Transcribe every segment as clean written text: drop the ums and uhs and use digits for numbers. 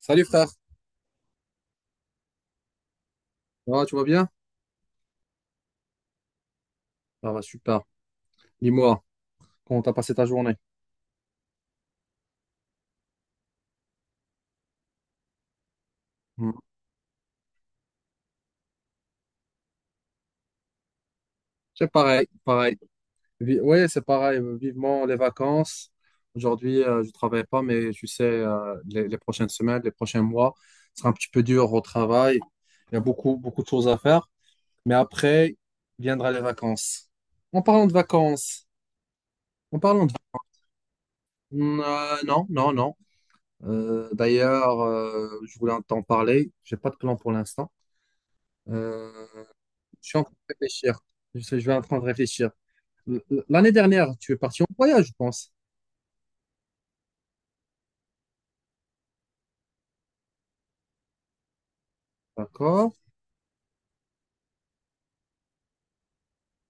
Salut frère. Ça va, tu vas bien? Ça va, super. Dis-moi, comment t'as passé ta journée? Hmm. C'est pareil, pareil. Ouais, c'est pareil. Vivement les vacances. Aujourd'hui, je travaille pas, mais tu sais, les prochaines semaines, les prochains mois, ce sera un petit peu dur au travail. Il y a beaucoup, beaucoup de choses à faire. Mais après, viendra les vacances. En parlant de vacances, en parlant de... Hmm, non, non, non. D'ailleurs, je voulais t'en parler. J'ai pas de plan pour l'instant. Euh, Je suis en train de réfléchir. Je vais en train de réfléchir. L- L'année dernière, tu es parti en voyage, je pense. D'accord.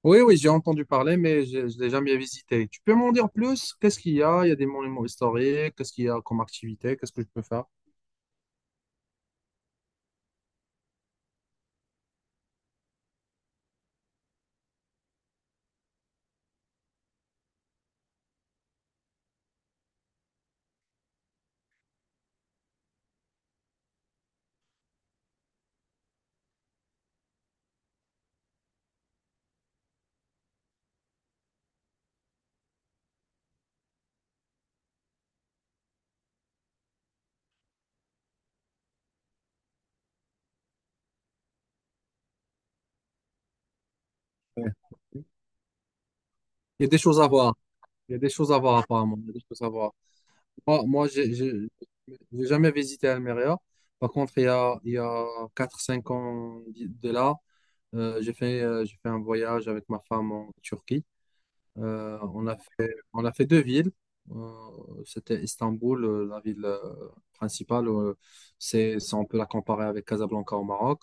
Oui, oui, j'ai entendu parler, mais je ne l'ai jamais visité. Tu peux m'en dire plus? Qu'est-ce qu'il y a? Il y a des monuments historiques. Qu'est-ce qu'il y a comme activité? Qu'est-ce que je peux faire? Ouais. Il y a des choses à voir. Il y a des choses à voir, apparemment. Il y a des choses à voir. Moi, moi j'ai jamais visité Almeria. Par contre, il y a quatre, cinq ans de là, j'ai fait un voyage avec ma femme en Turquie. On a fait deux villes. C'était Istanbul, la ville principale. On peut la comparer avec Casablanca au Maroc.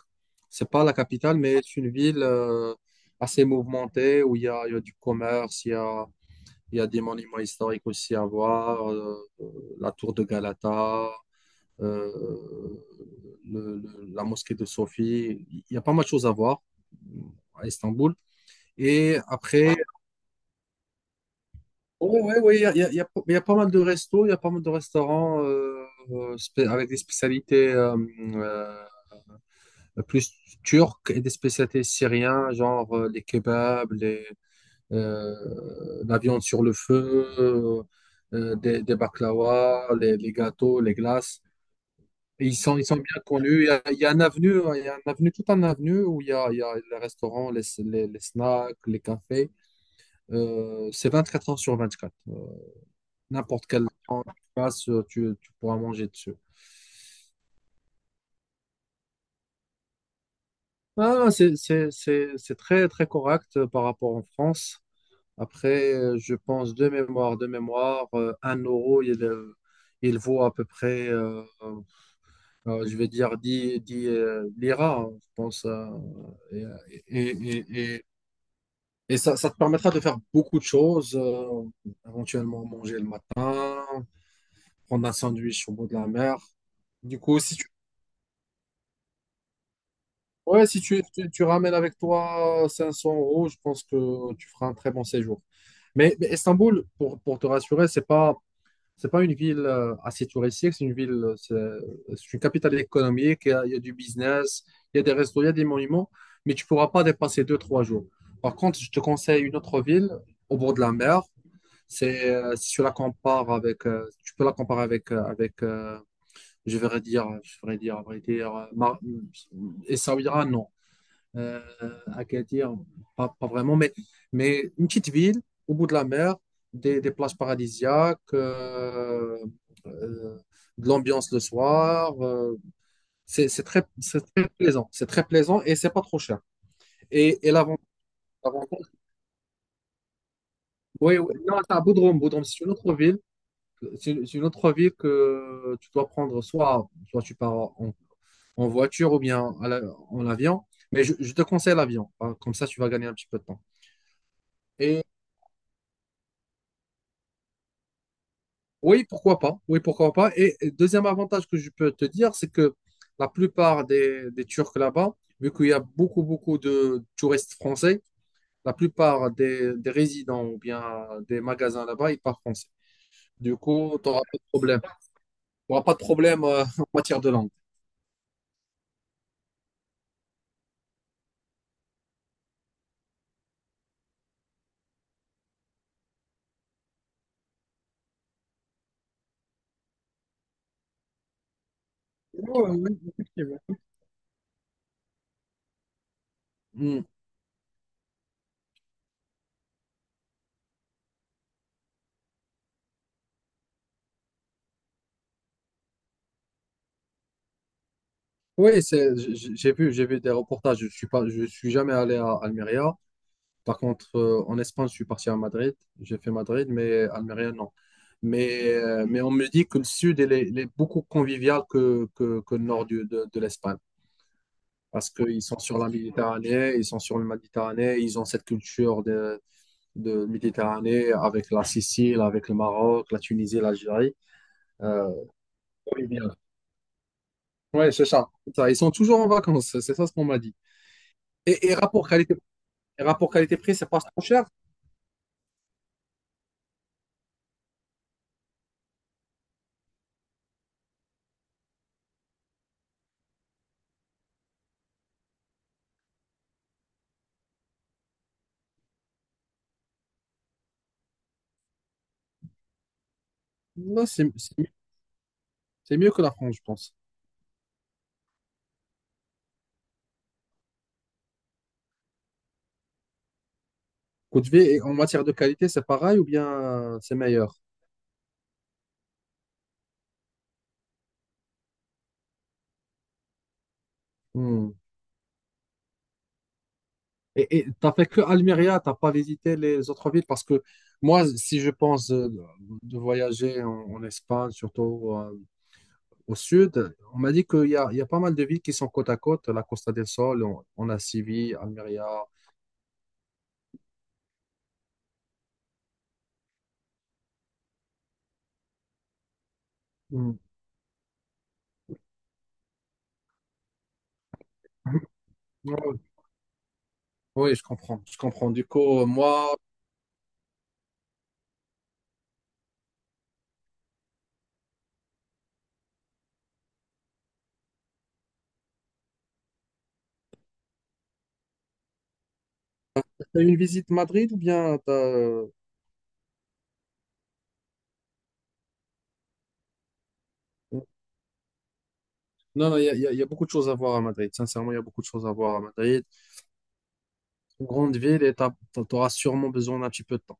C'est pas la capitale, mais c'est une ville assez mouvementée, où il y a du commerce, il y a des monuments historiques aussi à voir, la tour de Galata, euh, la mosquée de Sophie. Il y a pas mal de choses à voir, euh, à Istanbul. Et après, Oui, oui, oui, il y a, il y a- il y a- il y a pas mal de restos, il y a pas mal de restaurants, avec des spécialités, euh, plus turques et des spécialités syriennes, genre les kebabs, euh, la viande sur le feu, des baklawas, les gâteaux, les glaces. Et ils sont bien connus. Il y a un avenue, hein, il y a un avenue, tout un avenue où il y a les restaurants, les snacks, les cafés. C'est 24 heures sur 24. N'importe quel temps que tu passes, tu pourras manger dessus. Ah, c'est très, très correct, par rapport en France. Après, je pense, de mémoire, un euro, il vaut à peu près, je vais dire, dix, liras, hein, je pense. Et, et, et, et, et ça te permettra de faire beaucoup de choses, éventuellement manger le matin, prendre un sandwich au bout de la mer. Du coup, si tu ouais, si tu, ramènes avec toi 500 euros, je pense que tu feras un très bon séjour. Mais, Istanbul, pour, te rassurer, c'est pas une ville, assez touristique. C'est une capitale économique. Il y a du business, il y a des restos, il y a des monuments, mais tu pourras pas dépasser deux trois jours. Par contre, je te conseille une autre ville au bord de la mer. C'est, si tu la compares avec, Tu peux la comparer avec, je vais dire, à vrai dire, Essaouira, non, euh, Agadir, pas, vraiment, mais, une petite ville au bout de la mer, des, plages paradisiaques, euh, de l'ambiance le soir. C'est très, c'est très plaisant. C'est très plaisant et c'est pas trop cher. Et, et l'avant- L'avantage, oui, oui, non, c'est à Bodrum. Bodrum, c'est une autre ville. C'est une autre ville que tu dois prendre, soit, tu pars en, voiture, ou bien en avion. Mais je te conseille l'avion, hein. Comme ça, tu vas gagner un petit peu de temps. Et Oui, pourquoi pas. Oui, pourquoi pas. Et deuxième avantage que je peux te dire, c'est que la plupart des Turcs là-bas, vu qu'il y a beaucoup, beaucoup de touristes français, la plupart des résidents, ou bien des magasins là-bas, ils parlent français. Du coup, tu n'auras pas de problème. Tu n'auras pas de problème, en matière de langue. Oh, oui, effectivement. Hmm. Oui, j'ai vu, des reportages. Je suis jamais allé à Almeria. Par contre, en Espagne, je suis parti à Madrid. J'ai fait Madrid, mais Almeria, non. Mais on me dit que le sud, il est beaucoup convivial que, que le nord de l'Espagne. Parce qu'ils sont sur la Méditerranée, ils sont sur le Méditerranée, ils ont cette culture de, Méditerranée, avec la Sicile, avec le Maroc, la Tunisie, l'Algérie. Euh, Convivial. Ouais, c'est ça. Ils sont toujours en vacances, c'est ça ce qu'on m'a dit. Et, et rapport qualité Et rapport qualité-prix, c'est pas trop cher. Non, c'est mieux que la France, je pense. Côte V, et en matière de qualité, c'est pareil, ou bien, c'est meilleur? Hmm. Et tu t'as fait que Almeria, t'as pas visité les autres villes? Parce que moi, si je pense, de voyager en, Espagne, surtout, au sud, on m'a dit qu'il y a pas mal de villes qui sont côte à côte: la Costa del Sol, on, a Séville, Almeria. Mm. Oui, je comprends, je comprends. Du coup, moi, t'as eu une visite Madrid ou bien non? Non, il y a beaucoup de choses à voir à Madrid. Sincèrement, il y a beaucoup de choses à voir à Madrid. Une grande ville, et tu auras sûrement besoin d'un petit peu de temps.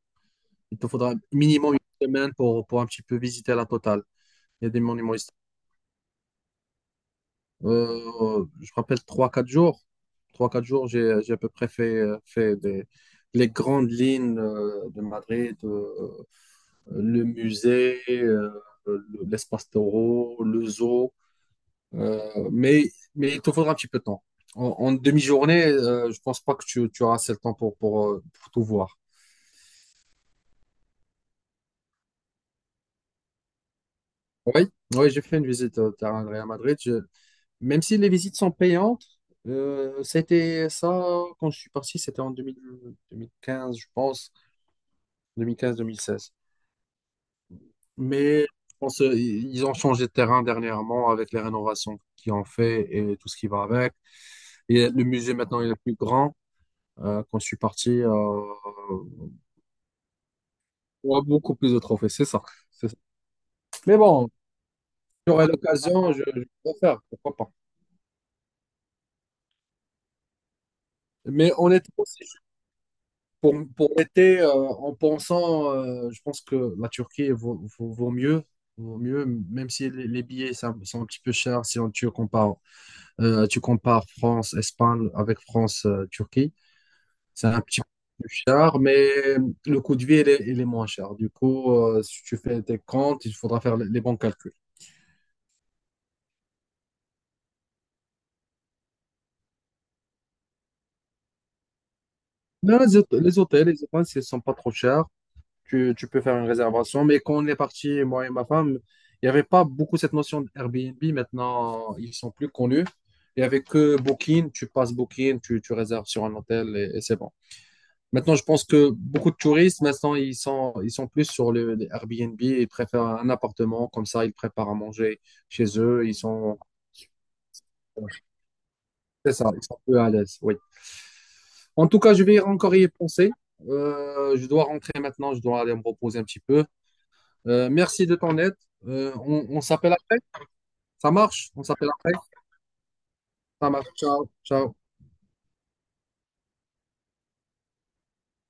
Il te faudra minimum une semaine pour, un petit peu visiter la totale. Il y a des monuments Je rappelle trois quatre jours. Trois quatre jours, j'ai, à peu près fait, des, les grandes lignes, de Madrid, le musée, l'espace taureau, le zoo. Euh, mais, mais il te faudra un petit peu de temps. En, demi-journée, je pense pas que tu, auras assez le temps pour, pour tout voir. Oui, oui, j'ai fait une visite au terrain de Real Madrid. Même si les visites sont payantes, c'était ça, quand je suis parti, c'était en 2000 2015, je pense, 2015-2016. Mais je pense, ils ont changé de terrain dernièrement, avec les rénovations qu'ils ont fait et tout ce qui va avec. Et le musée maintenant, il est plus grand. Quand je suis parti, on a beaucoup plus de trophées, c'est ça. C'est ça. Mais bon, j'aurai l'occasion, je, vais le faire, pourquoi pas. Mais honnêtement, si Pour, l'été, en pensant, je pense que la Turquie vaut mieux, même si les, billets sont, un petit peu chers. Si tu compares, France, Espagne avec France, Turquie, c'est un petit peu plus cher, mais le coût de vie, il est moins cher. Du coup, si tu fais tes comptes, il faudra faire les bons calculs. Mais les hôtels, ils sont pas trop chers. Tu, peux faire une réservation. Mais quand on est parti, moi et ma femme, il n'y avait pas beaucoup cette notion d'Airbnb. Maintenant, ils sont plus connus. Il n'y avait que Booking. Tu passes Booking, tu, réserves sur un hôtel, et, c'est bon. Maintenant, je pense que beaucoup de touristes, maintenant, ils sont plus sur le, les Airbnb. Ils préfèrent un appartement. Comme ça, ils préparent à manger chez eux. C'est ça, ils sont peu à l'aise. Oui. En tout cas, je vais encore y penser. Je dois rentrer maintenant. Je dois aller me reposer un petit peu. Merci de ton aide. On on s'appelle après. Ça marche? On s'appelle après. Ça marche. Ciao. Ciao.